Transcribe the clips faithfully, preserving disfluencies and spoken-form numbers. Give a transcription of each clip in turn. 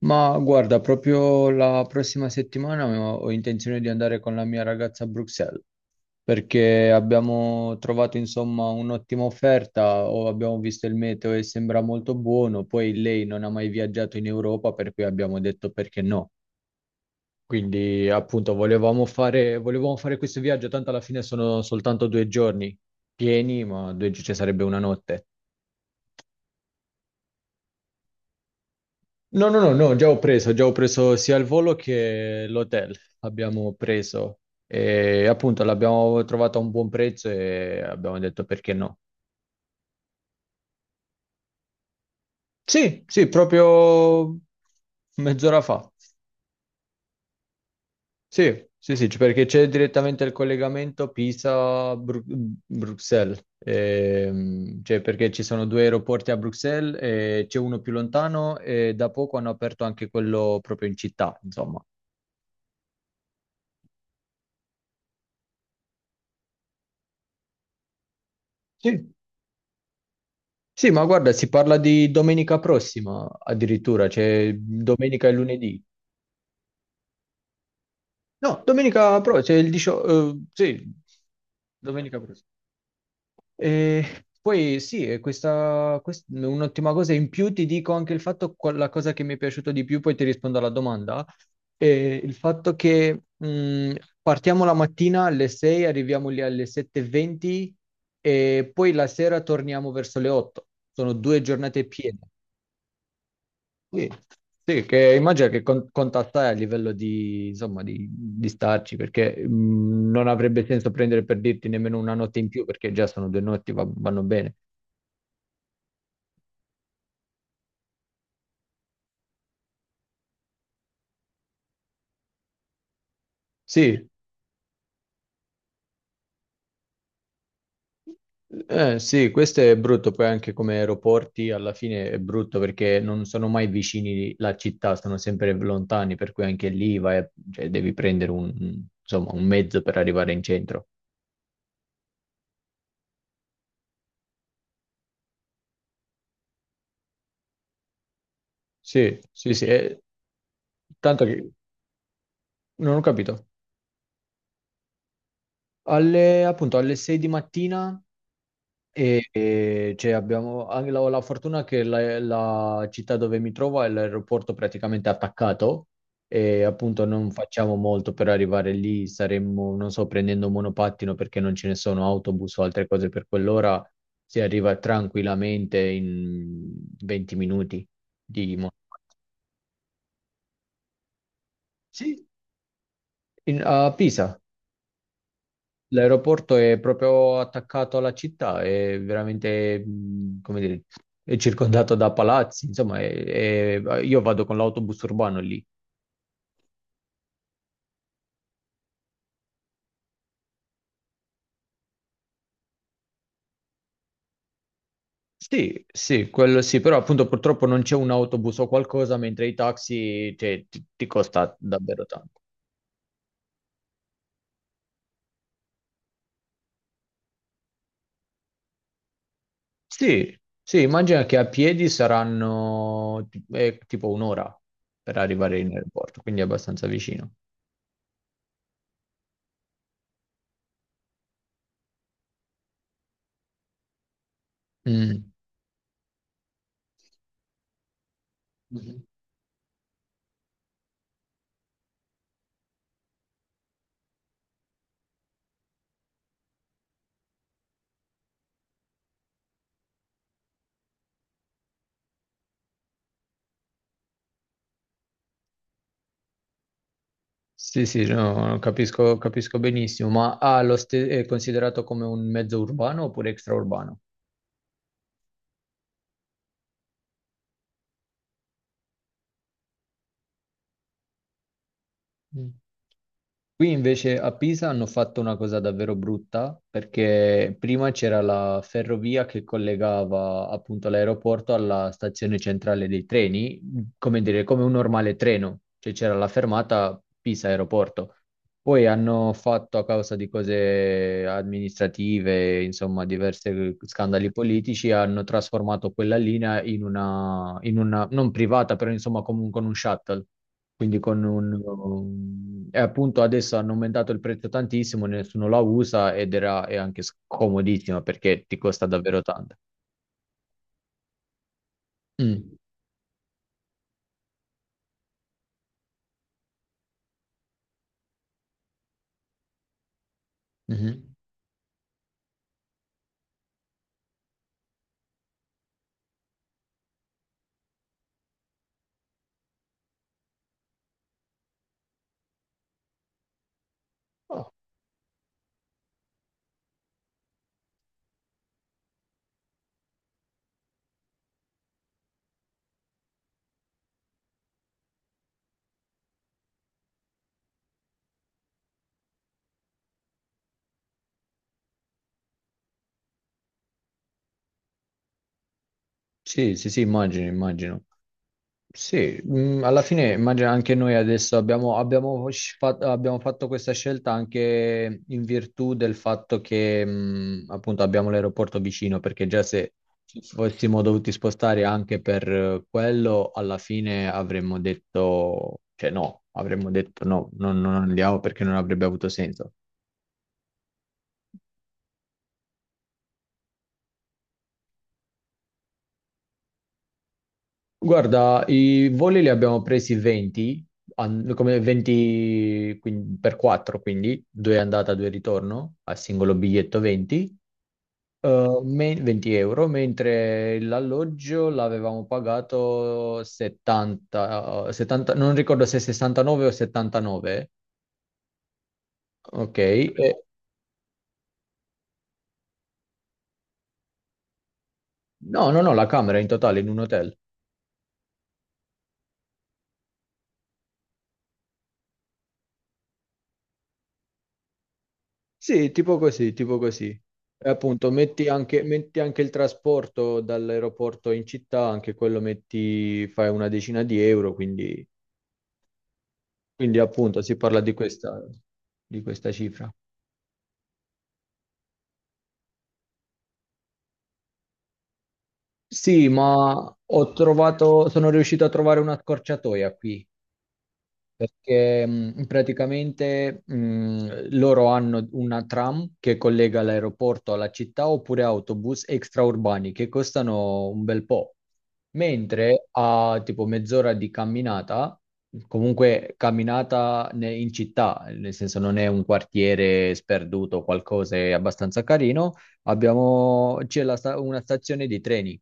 Ma guarda, proprio la prossima settimana ho ho intenzione di andare con la mia ragazza a Bruxelles perché abbiamo trovato insomma un'ottima offerta, o abbiamo visto il meteo e sembra molto buono, poi lei non ha mai viaggiato in Europa, per cui abbiamo detto perché no. Quindi appunto volevamo fare, volevamo fare questo viaggio, tanto alla fine sono soltanto due giorni pieni, ma due, gi- ci sarebbe una notte. No, no, no, no, già ho preso, già ho preso sia il volo che l'hotel, abbiamo preso e appunto l'abbiamo trovato a un buon prezzo e abbiamo detto perché no. Sì, sì, proprio mezz'ora fa. Sì, sì, sì, c- perché c'è direttamente il collegamento Pisa-Bruxelles, cioè perché ci sono due aeroporti a Bruxelles, e c'è uno più lontano e da poco hanno aperto anche quello proprio in città, insomma. Sì. Sì, ma guarda, si parla di domenica prossima addirittura, cioè domenica e lunedì. No, domenica prossima, cioè il diciotto, eh, sì, domenica prossima. E poi sì, e questa, quest- un'ottima cosa in più ti dico anche il fatto, qual- la cosa che mi è piaciuto di più, poi ti rispondo alla domanda, è il fatto che mh, partiamo la mattina alle sei, arriviamo lì alle sette e venti e venti e poi la sera torniamo verso le otto. Sono due giornate piene. Sì, sì, che immagino che con- contattare a livello di, insomma, di, di starci, perché mh, non avrebbe senso prendere per dirti nemmeno una notte in più, perché già sono due notti, va- vanno bene. Sì, eh, sì, questo è brutto, poi anche come aeroporti alla fine è brutto perché non sono mai vicini la città, sono sempre lontani, per cui anche lì vai, cioè, devi prendere un, insomma, un mezzo per arrivare in centro. Sì, sì, sì, eh, tanto che non ho capito. Alle, appunto, alle sei di mattina. E, e, cioè, abbiamo anche la, la fortuna che la, la città dove mi trovo è l'aeroporto praticamente attaccato e appunto non facciamo molto per arrivare lì, saremmo, non so, prendendo un monopattino perché non ce ne sono autobus o altre cose per quell'ora, si arriva tranquillamente in venti minuti di mo- Sì, in- a Pisa. L'aeroporto è proprio attaccato alla città, è veramente, mh, come dire, è circondato da palazzi, insomma, è- è- io vado con l'autobus urbano lì. Sì, sì, quello sì, però appunto purtroppo non c'è un autobus o qualcosa, mentre i taxi, cioè, ti, ti costa davvero tanto. Sì, sì, immagina che a piedi saranno ti- eh, tipo un'ora per arrivare in aeroporto, quindi è abbastanza vicino. Mm. Sì, sì, no, capisco, capisco benissimo, ma ah, lo ste- è considerato come un mezzo urbano oppure extraurbano? Qui invece a Pisa hanno fatto una cosa davvero brutta perché prima c'era la ferrovia che collegava appunto l'aeroporto alla stazione centrale dei treni, come dire, come un normale treno, cioè c'era la fermata Pisa aeroporto. Poi hanno fatto a causa di cose amministrative, insomma, diversi scandali politici, hanno trasformato quella linea in una, in una non privata, però insomma comunque con un shuttle. Quindi con un... E appunto adesso hanno aumentato il prezzo tantissimo, nessuno la usa ed era, è anche scomodissima perché ti costa davvero tanto. Mm. Mhm. Oh, sì, sì, sì, immagino, immagino. Sì, mh, alla fine immagino anche noi adesso abbiamo, abbiamo sci- fat- abbiamo fatto questa scelta anche in virtù del fatto che mh, appunto abbiamo l'aeroporto vicino, perché già se ci fossimo dovuti spostare anche per eh, quello, alla fine avremmo detto, cioè no, avremmo detto no, non, non andiamo perché non avrebbe avuto senso. Guarda, i voli li abbiamo presi venti, an- come venti quin- per quattro, quindi due andata, due ritorno, a singolo biglietto venti, eh, me- venti euro, mentre l'alloggio l'avevamo pagato settanta, settanta, non ricordo se sessantanove o settantanove, ok? E- no, no, no, la camera in totale in un hotel. Sì, tipo così, tipo così. E appunto, metti anche, metti anche il trasporto dall'aeroporto in città, anche quello metti, fai una decina di euro, quindi, quindi appunto si parla di questa, di questa cifra. Sì, ma ho trovato, sono riuscito a trovare una scorciatoia qui. Perché mh, praticamente mh, loro hanno una tram che collega l'aeroporto alla città oppure autobus extraurbani che costano un bel po', mentre a tipo mezz'ora di camminata, comunque camminata ne- in città, nel senso non è un quartiere sperduto o qualcosa, è abbastanza carino, abbiamo, c'è la sta- una stazione di treni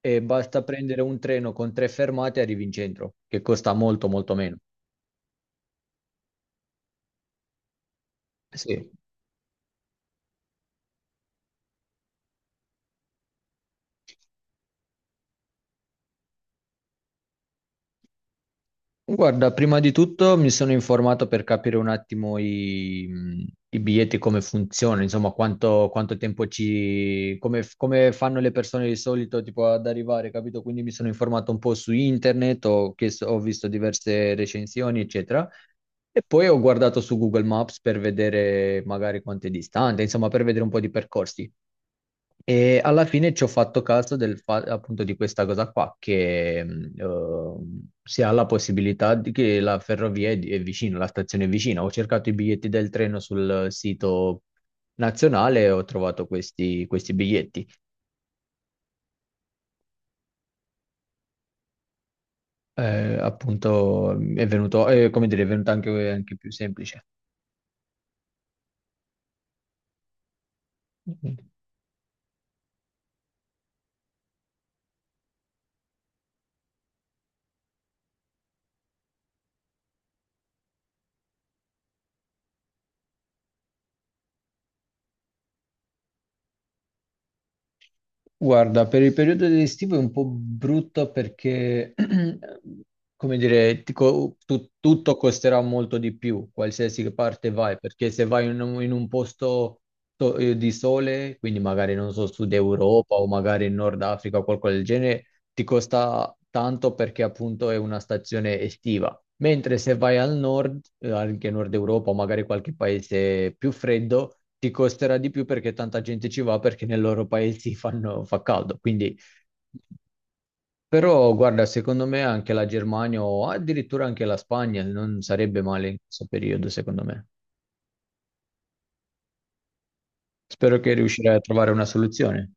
e basta prendere un treno con tre fermate e arrivi in centro, che costa molto molto meno. Sì. Guarda, prima di tutto mi sono informato per capire un attimo i, i biglietti come funzionano, insomma, quanto, quanto tempo ci, come, come fanno le persone di solito tipo ad arrivare, capito? Quindi mi sono informato un po' su internet, ho chiesto- ho visto diverse recensioni, eccetera. E poi ho guardato su Google Maps per vedere magari quanto è distante, insomma, per vedere un po' di percorsi. E alla fine ci ho fatto caso del fa- appunto di questa cosa qua, che mh, ehm, si ha la possibilità di che la ferrovia è, di- è vicina, la stazione è vicina. Ho cercato i biglietti del treno sul sito nazionale e ho trovato questi, questi biglietti. Eh, appunto è venuto, eh, come dire, è venuto anche, anche più semplice. Guarda, per il periodo estivo è un po' brutto perché, come dire, ti co- tu- tutto costerà molto di più, qualsiasi parte vai, perché se vai in un, in un posto to- eh, di sole, quindi magari non so, Sud Europa o magari in Nord Africa o qualcosa del genere, ti costa tanto perché appunto è una stazione estiva. Mentre se vai al nord, eh, anche nord Europa o magari qualche paese più freddo, ti costerà di più perché tanta gente ci va perché nei loro paesi fanno- fa caldo. Quindi, però, guarda, secondo me anche la Germania o addirittura anche la Spagna non sarebbe male in questo periodo, secondo me. Spero che riuscirai a trovare una soluzione.